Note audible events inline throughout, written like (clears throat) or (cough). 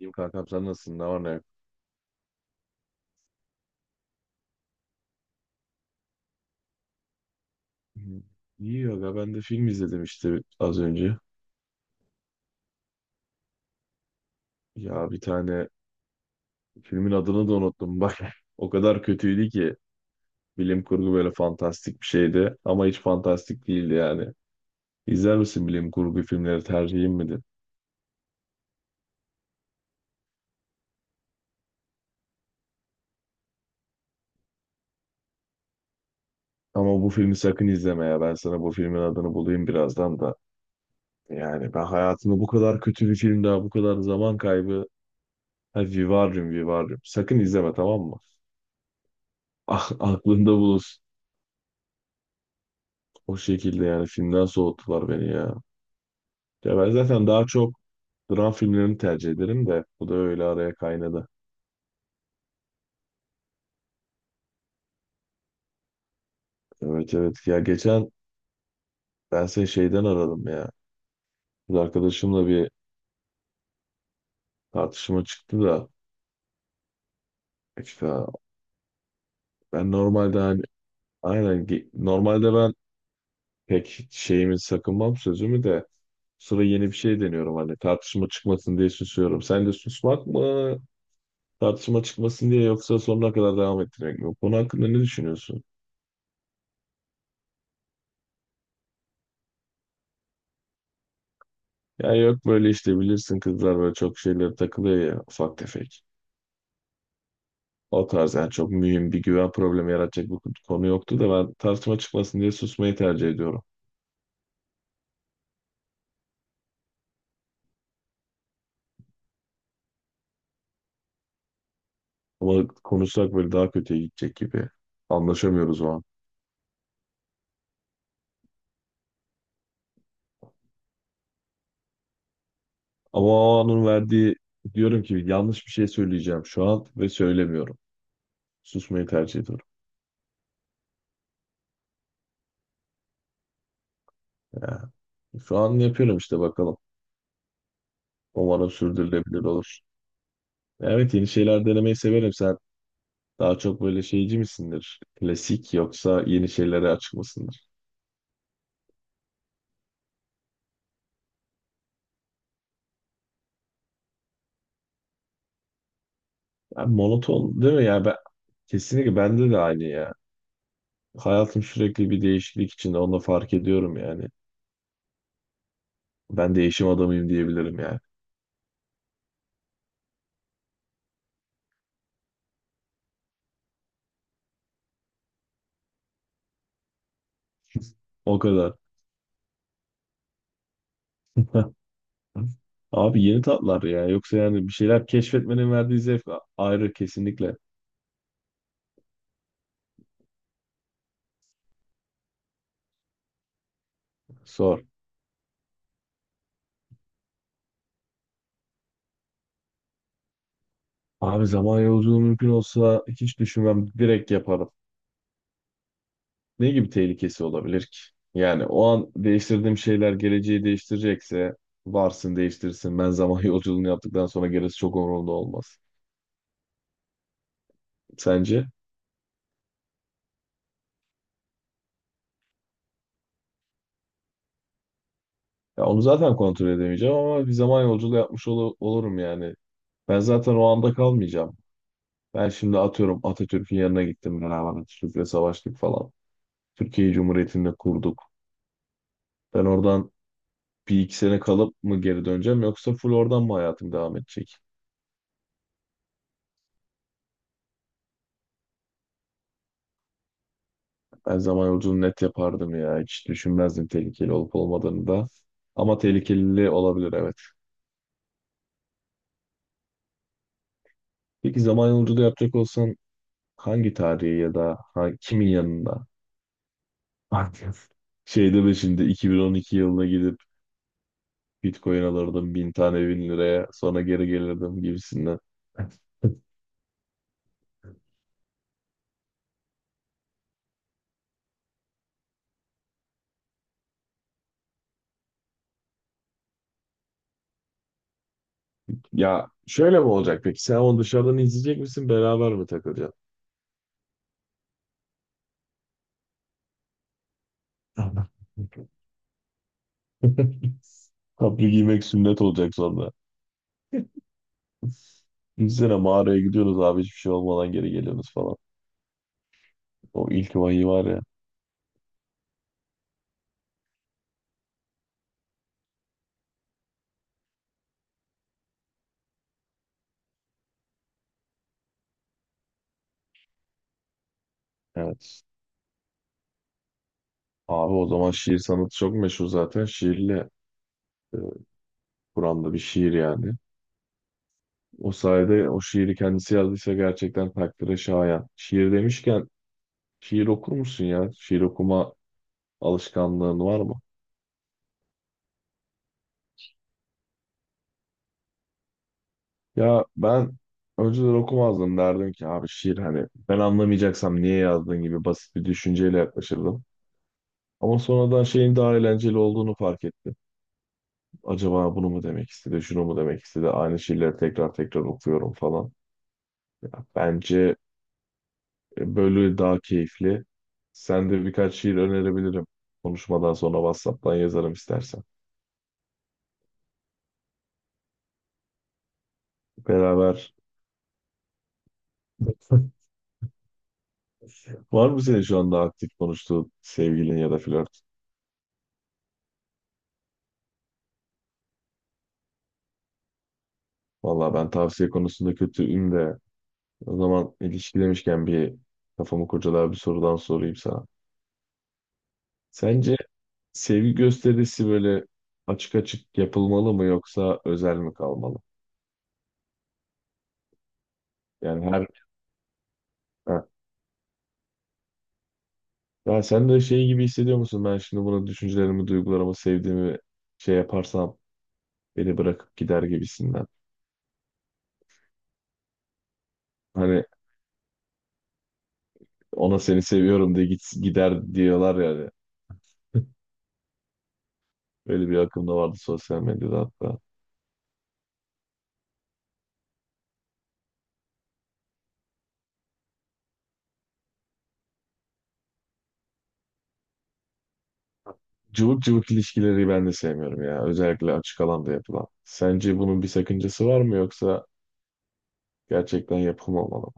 İyiyim kankam, sen nasılsın? Ne var ne yok? Hmm, İyi aga, ben de film izledim işte az önce. Ya bir tane filmin adını da unuttum bak. (laughs) O kadar kötüydü ki. Bilim kurgu, böyle fantastik bir şeydi ama hiç fantastik değildi yani. İzler misin, bilim kurgu filmleri tercihin midir? Ama bu filmi sakın izleme ya. Ben sana bu filmin adını bulayım birazdan da. Yani ben hayatımda bu kadar kötü bir film daha, bu kadar zaman kaybı. Ha, Vivarium, Vivarium. Sakın izleme, tamam mı? Ah, aklında bulunsun. O şekilde yani, filmden soğuttular beni ya. Ya ben zaten daha çok dram filmlerini tercih ederim de bu da öyle araya kaynadı. Evet evet, ya geçen ben seni şeyden aradım ya. Kız arkadaşımla bir tartışma çıktı da işte, ben normalde hani normalde ben pek şeyimi sakınmam, sözümü de. Sıra yeni bir şey deniyorum, hani tartışma çıkmasın diye susuyorum. Sen de susmak mı tartışma çıkmasın diye, yoksa sonuna kadar devam ettirmek mi? Bu konu hakkında ne düşünüyorsun? Ya yok, böyle işte bilirsin kızlar böyle çok şeylere takılıyor ya, ufak tefek. O tarz yani, çok mühim bir güven problemi yaratacak bir konu yoktu da ben tartışma çıkmasın diye susmayı tercih ediyorum. Ama konuşsak böyle daha kötüye gidecek gibi. Anlaşamıyoruz o an. Ama o anın verdiği, diyorum ki yanlış bir şey söyleyeceğim şu an, ve söylemiyorum. Susmayı tercih ediyorum. Ya, şu an yapıyorum işte, bakalım. Umarım sürdürülebilir olur. Evet, yeni şeyler denemeyi severim. Sen daha çok böyle şeyci misindir? Klasik, yoksa yeni şeylere açık mısındır? Yani monoton değil mi? Yani ben kesinlikle, bende de aynı ya. Hayatım sürekli bir değişiklik içinde. Onu da fark ediyorum yani. Ben değişim adamıyım diyebilirim yani. O kadar. (laughs) Abi, yeni tatlar ya. Yoksa yani bir şeyler keşfetmenin verdiği zevk ayrı, kesinlikle. Sor. Abi, zaman yolculuğu mümkün olsa hiç düşünmem. Direkt yaparım. Ne gibi tehlikesi olabilir ki? Yani o an değiştirdiğim şeyler geleceği değiştirecekse, varsın değiştirsin. Ben zaman (laughs) yolculuğunu yaptıktan sonra gerisi çok umurumda olmaz. Sence? Ya onu zaten kontrol edemeyeceğim, ama bir zaman yolculuğu yapmış olurum yani. Ben zaten o anda kalmayacağım. Ben şimdi atıyorum, Atatürk'ün yanına gittim, beraber Atatürk'le savaştık falan. Türkiye Cumhuriyeti'ni de kurduk. Ben oradan bir iki sene kalıp mı geri döneceğim, yoksa full oradan mı hayatım devam edecek? Ben zaman yolculuğunu net yapardım ya. Hiç düşünmezdim tehlikeli olup olmadığını da. Ama tehlikeli olabilir, evet. Peki zaman yolculuğu yapacak olsan, hangi tarihi ya da kimin yanında? Bakın. Şey deme şimdi, 2012 yılına gidip Bitcoin alırdım bin tane, bin liraya, sonra geri gelirdim gibisinden. Ya şöyle mi olacak peki? Sen onu dışarıdan izleyecek misin? Beraber mi takılacaksın? Tamam. Kapri giymek sünnet olacak sonra. Düşünsene, mağaraya gidiyorsunuz abi, hiçbir şey olmadan geri geliyorsunuz falan. O ilk vahiy var ya. Evet. Abi o zaman şiir sanatı çok meşhur zaten. Şiirle, e, Kur'an'da bir şiir yani. O sayede, o şiiri kendisi yazdıysa gerçekten takdire şayan. Şiir demişken, şiir okur musun ya? Şiir okuma alışkanlığın var mı? Ya ben önceden okumazdım, derdim ki abi şiir, hani ben anlamayacaksam niye yazdın gibi basit bir düşünceyle yaklaşırdım. Ama sonradan şeyin daha eğlenceli olduğunu fark ettim. Acaba bunu mu demek istedi, şunu mu demek istedi? Aynı şiirleri tekrar tekrar okuyorum falan. Ya bence böyle daha keyifli. Sen de birkaç şiir önerebilirim. Konuşmadan sonra WhatsApp'tan yazarım istersen. Beraber. (laughs) Var mı senin şu anda aktif konuştuğun sevgilin ya da flört? Valla ben tavsiye konusunda kötüyüm de, o zaman ilişki demişken bir kafamı kurcalayan bir sorudan sorayım sana. Sence sevgi gösterisi böyle açık açık yapılmalı mı, yoksa özel mi kalmalı? Yani her... Ha. Ya sen de şey gibi hissediyor musun? Ben şimdi buna düşüncelerimi, duygularımı, sevdiğimi şey yaparsam, beni bırakıp gider gibisinden. Hani ona seni seviyorum diye git, gider diyorlar yani. (laughs) Böyle bir akım da vardı sosyal medyada hatta. Cıvık cıvık ilişkileri ben de sevmiyorum ya. Özellikle açık alanda yapılan. Sence bunun bir sakıncası var mı, yoksa gerçekten yapım olmalı mı?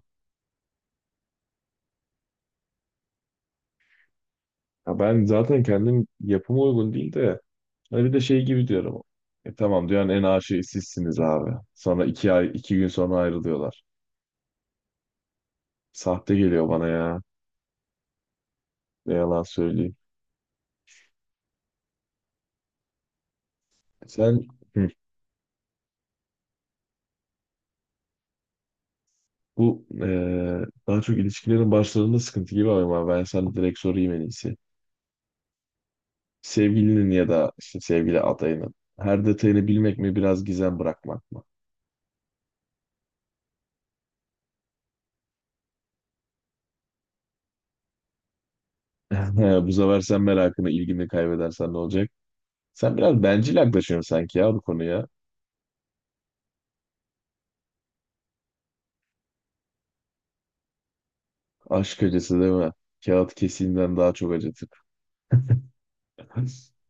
Ya ben zaten kendim yapıma uygun değil de, hani bir de şey gibi diyorum. E tamam diyor yani, en aşığı sizsiniz abi. Sonra iki ay, iki gün sonra ayrılıyorlar. Sahte geliyor bana ya. Ne yalan söyleyeyim. Sen, hı, bu daha çok ilişkilerin başlarında sıkıntı gibi, ama ben sana direkt sorayım en iyisi. Sevgilinin ya da işte sevgili adayının her detayını bilmek mi, biraz gizem bırakmak mı? (laughs) Bu sefer sen merakını, ilgini kaybedersen ne olacak? Sen biraz bencil yaklaşıyorsun sanki ya bu konuya. Aşk acısı değil mi? Kağıt kesiğinden daha çok acıtır. (clears throat)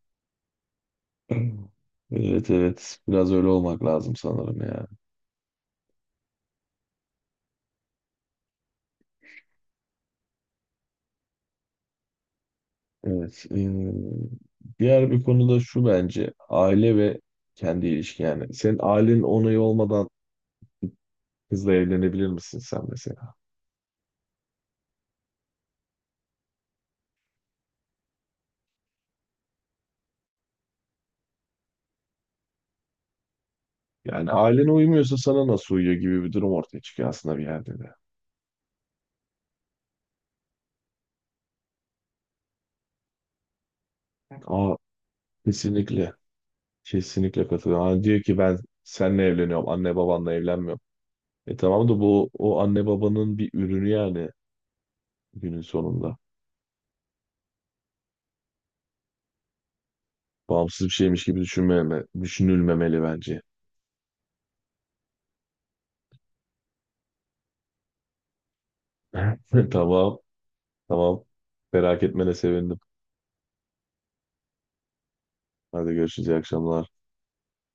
(laughs) Evet evet, biraz öyle olmak lazım sanırım ya. Evet. Diğer bir konu da şu, bence aile ve kendi ilişki yani. Senin ailenin onayı olmadan kızla evlenebilir misin sen mesela? Yani ailene uymuyorsa sana nasıl uyuyor gibi bir durum ortaya çıkıyor aslında bir yerde de. Aa, kesinlikle. Kesinlikle katılıyorum. Hani diyor ki, ben seninle evleniyorum, anne babanla evlenmiyorum. E tamam da, bu o anne babanın bir ürünü yani günün sonunda. Bağımsız bir şeymiş gibi düşünülmemeli bence. (laughs) Tamam. Tamam. Merak etmene sevindim. Hadi görüşürüz. İyi akşamlar.